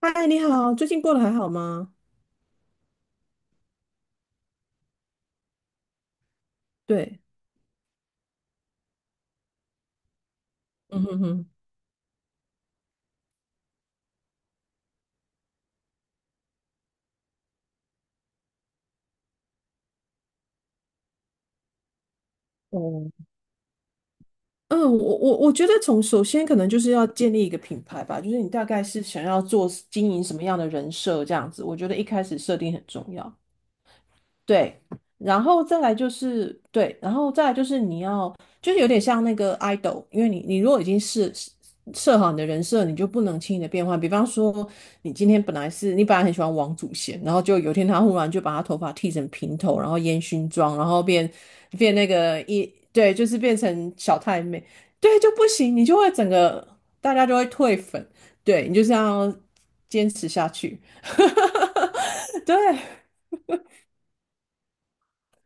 嗨，你好，最近过得还好吗？对，嗯哼哼，哦，嗯，我觉得从首先可能就是要建立一个品牌吧，就是你大概是想要做经营什么样的人设这样子，我觉得一开始设定很重要。对，然后再来就是对，然后再来就是你要，就是有点像那个 idol，因为你如果已经是设好你的人设，你就不能轻易的变换。比方说，你本来很喜欢王祖贤，然后就有一天他忽然就把他头发剃成平头，然后烟熏妆，然后变那个一对，就是变成小太妹，对就不行，你就会整个大家就会退粉，对你就是要坚持下去，对。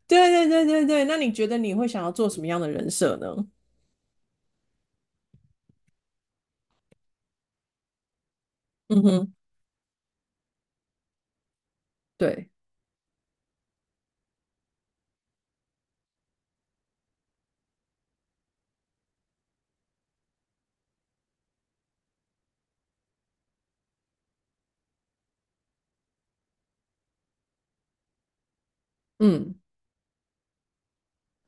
对对对对对，那你觉得你会想要做什么样的人设呢？嗯哼，对，嗯，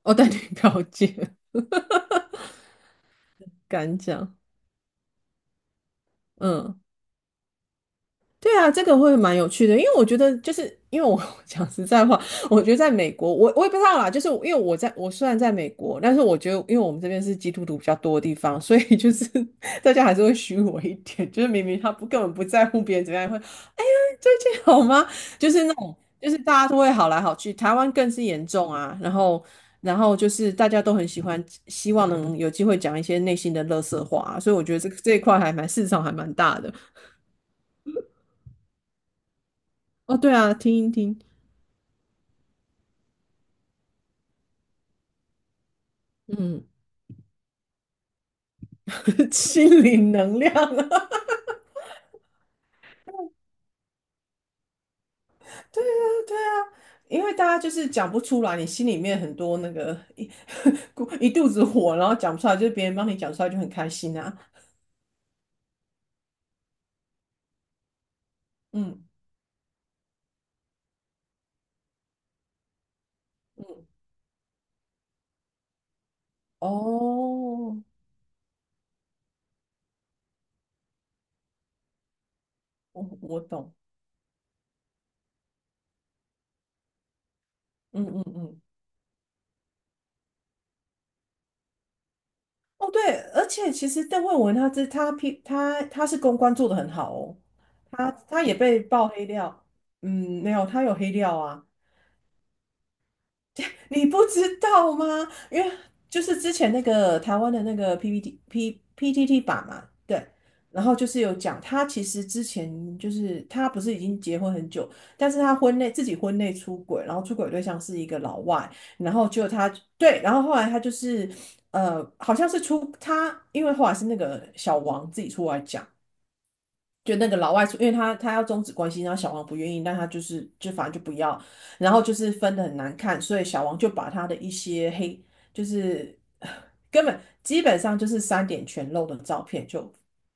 我带你 了解，敢讲，嗯。对啊，这个会蛮有趣的，因为我觉得就是因为我 讲实在话，我觉得在美国，我也不知道啦，就是因为我虽然在美国，但是我觉得因为我们这边是基督徒比较多的地方，所以就是 大家还是会虚伪一点，就是明明他不根本不在乎别人怎么样，会哎呀最近好吗？就是那种就是大家都会好来好去，台湾更是严重啊，然后。然后就是大家都很喜欢，希望能有机会讲一些内心的垃圾话啊所以我觉得这一块市场还蛮大的哦。对啊，听一听。嗯，心灵能量，啊，对啊，对啊，因为大家就是讲不出来，你心里面很多那个一 咕一肚子火，然后讲不出来，就是别人帮你讲出来就很开心啊。嗯嗯，哦，我懂，嗯嗯嗯，哦对，而且其实邓慧文他这他批他她是公关做的很好哦，他也被爆黑料，嗯，没有，他有黑料啊。你不知道吗？因为就是之前那个台湾的那个 PTT 版嘛，对，然后就是有讲他其实之前就是他不是已经结婚很久，但是他婚内自己婚内出轨，然后出轨对象是一个老外，然后就他对，然后后来他就是好像是出他，因为后来是那个小王自己出来讲，就那个老外出，因为他要终止关系，然后小王不愿意，但他就是就反正就不要，然后就是分的很难看，所以小王就把他的一些黑，就是根本基本上就是三点全露的照片就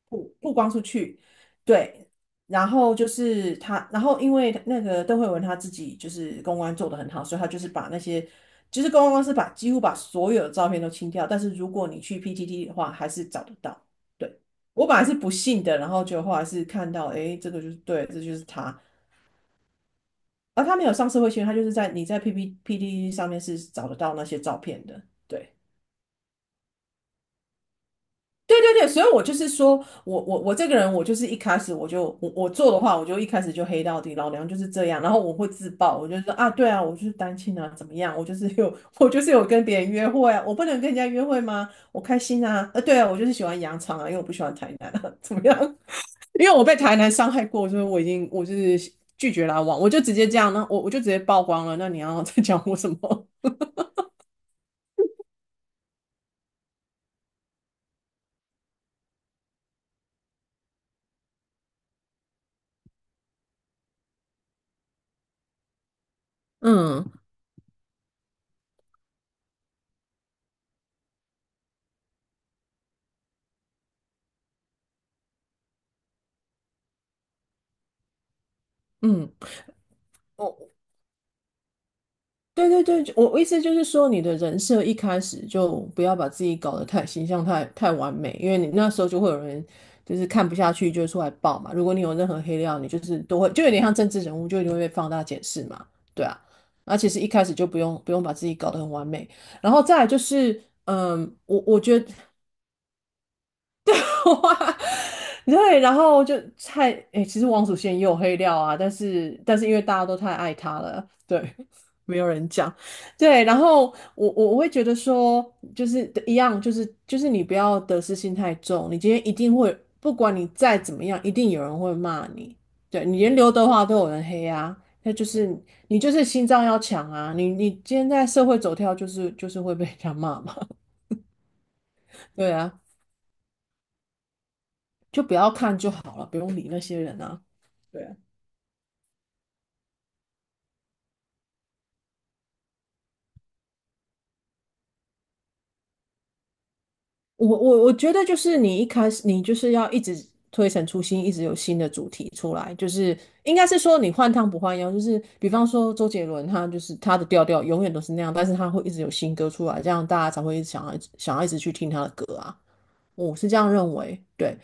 曝光出去，对，然后就是他，然后因为那个邓慧文他自己就是公关做的很好，所以他就是把那些。就是公关公司几乎把所有的照片都清掉，但是如果你去 PTT 的话，还是找得到。对。我本来是不信的，然后就后来是看到，哎，这个就是对，这就是他。他没有上社会新闻，他就是在你在 P P P D 上面是找得到那些照片的。对，对对对，所以我就是说我这个人，我就是一开始我做的话，我就一开始就黑到底，老娘就是这样。然后我会自爆，我就说啊，对啊，我就是单亲啊，怎么样？我就是有 我就是有跟别人约会啊，我不能跟人家约会吗？我开心啊，啊对啊，我就是喜欢羊肠啊，因为我不喜欢台南啊，怎么样？因为我被台南伤害过，所以我已经我就是拒绝来往，我就直接这样，那我就直接曝光了。那你要 再讲我什么？嗯嗯，我对对对，我意思就是说，你的人设一开始就不要把自己搞得太形象太完美，因为你那时候就会有人就是看不下去，就会出来爆嘛。如果你有任何黑料，你就是都会就有点像政治人物，就一定会被放大检视嘛。对啊，那其实一开始就不用把自己搞得很完美，然后再来就是，嗯，我觉得 对，然后就诶，其实王祖贤也有黑料啊，但是因为大家都太爱他了，对，没有人讲，对，然后我会觉得说，就是一样，就是你不要得失心太重，你今天一定会，不管你再怎么样，一定有人会骂你，对你连刘德华都有人黑啊，那就是你就是心脏要强啊，你今天在社会走跳，就是会被人家骂嘛，对啊，就不要看就好了，不用理那些人啊。对啊，我觉得就是你一开始你就是要一直推陈出新，一直有新的主题出来，就是应该是说你换汤不换药，就是比方说周杰伦他就是他的调调永远都是那样，但是他会一直有新歌出来，这样大家才会想要一直去听他的歌啊，我是这样认为，对。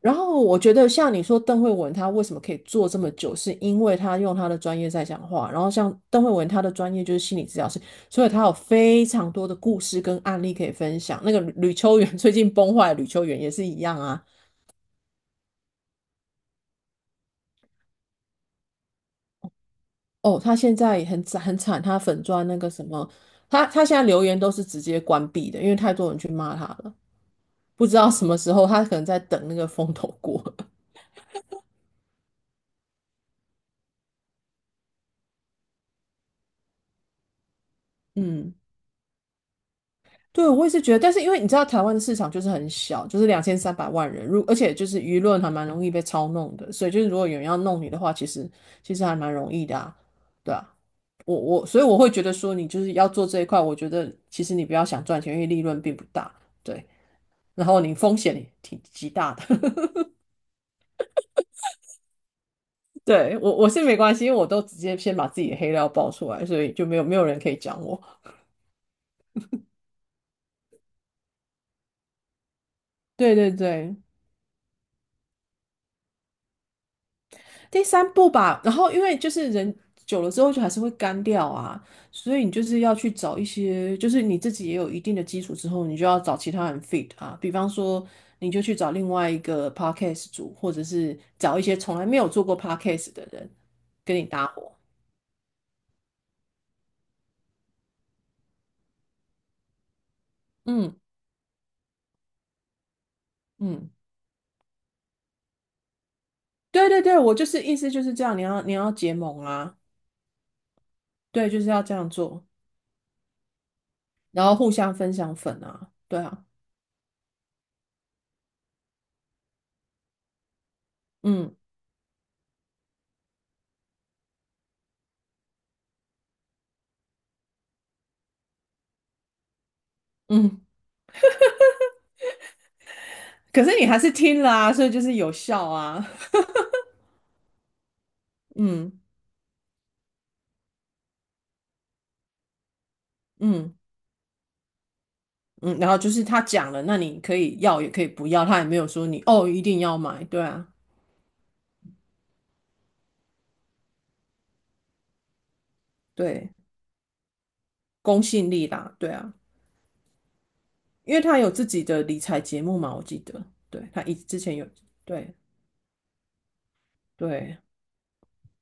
然后我觉得像你说邓慧文，她为什么可以做这么久，是因为她用她的专业在讲话。然后像邓慧文，她的专业就是心理治疗师，所以她有非常多的故事跟案例可以分享。那个吕秋远 最近崩坏，吕秋远也是一样啊。哦，她现在也很惨很惨，她粉钻那个什么，她现在留言都是直接关闭的，因为太多人去骂她了。不知道什么时候她可能在等那个风头过。嗯，对，我也是觉得，但是因为你知道台湾的市场就是很小，就是2300万人，而且就是舆论还蛮容易被操弄的，所以就是如果有人要弄你的话，其实还蛮容易的啊，对啊，所以我会觉得说你就是要做这一块，我觉得其实你不要想赚钱，因为利润并不大，对，然后你风险也挺极大的，对我是没关系，因为我都直接先把自己的黑料爆出来，所以就没有人可以讲我，对对对，第三步吧，然后因为就是人久了之后就还是会干掉啊，所以你就是要去找一些，就是你自己也有一定的基础之后，你就要找其他人 fit 啊，比方说你就去找另外一个 podcast 组，或者是找一些从来没有做过 podcast 的人跟你搭伙。嗯嗯，对对对，我就是意思就是这样，你要结盟啊，对，就是要这样做，然后互相分享粉啊，对啊，嗯嗯，可是你还是听了啊，所以就是有效啊，嗯。嗯嗯，然后就是他讲了，那你可以要也可以不要，他也没有说你哦一定要买，对啊，对，公信力啦，对啊，因为他有自己的理财节目嘛，我记得，对，他之前有，对对。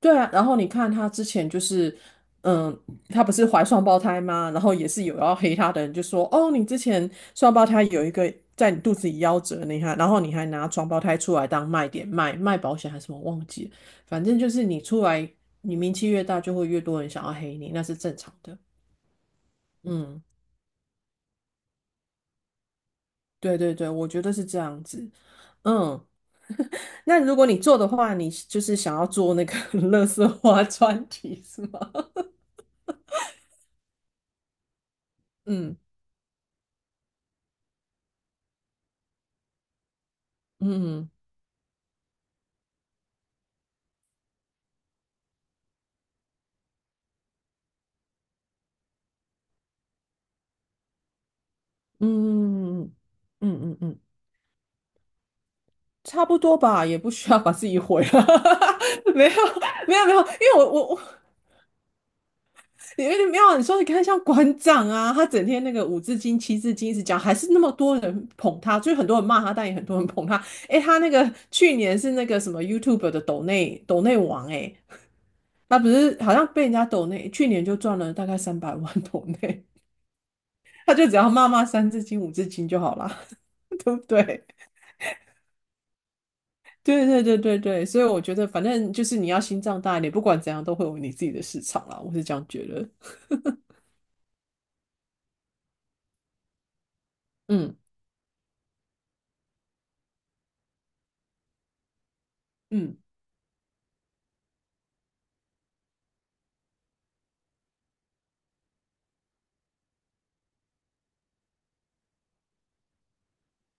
对啊，然后你看他之前就是，嗯，他不是怀双胞胎吗？然后也是有要黑他的人就说，哦，你之前双胞胎有一个在你肚子里夭折，你看，然后你还拿双胞胎出来当卖点卖，卖保险还是什么忘记了反正就是你出来，你名气越大，就会越多人想要黑你，那是正常的。嗯，对对对，我觉得是这样子。嗯，那如果你做的话，你就是想要做那个 乐色花专题是吗？嗯嗯。嗯嗯嗯嗯嗯，差不多吧，也不需要把自己毁了。没有没有没有，因为我有点没有啊，你说你看像馆长啊，他整天那个五字经七字经一直讲，还是那么多人捧他，就是很多人骂他，但也很多人捧他。诶，他那个去年是那个什么 YouTube 的抖内王诶，他不是好像被人家抖内，去年就赚了大概三百万 抖内，他就只要骂骂三字经五字经就好啦，对不对？对对对对对，所以我觉得反正就是你要心脏大一点，不管怎样都会有你自己的市场啦，我是这样觉得。嗯嗯，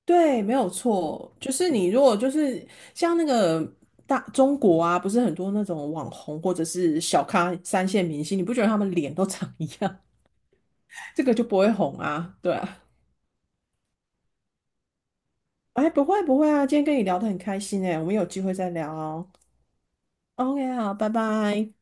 对，没有错，就是你如果就是像那个大中国啊，不是很多那种网红或者是小咖三线明星，你不觉得他们脸都长一样，这个就不会红啊？对啊，哎，不会不会啊，今天跟你聊得很开心哎，我们有机会再聊哦。OK，好，拜拜。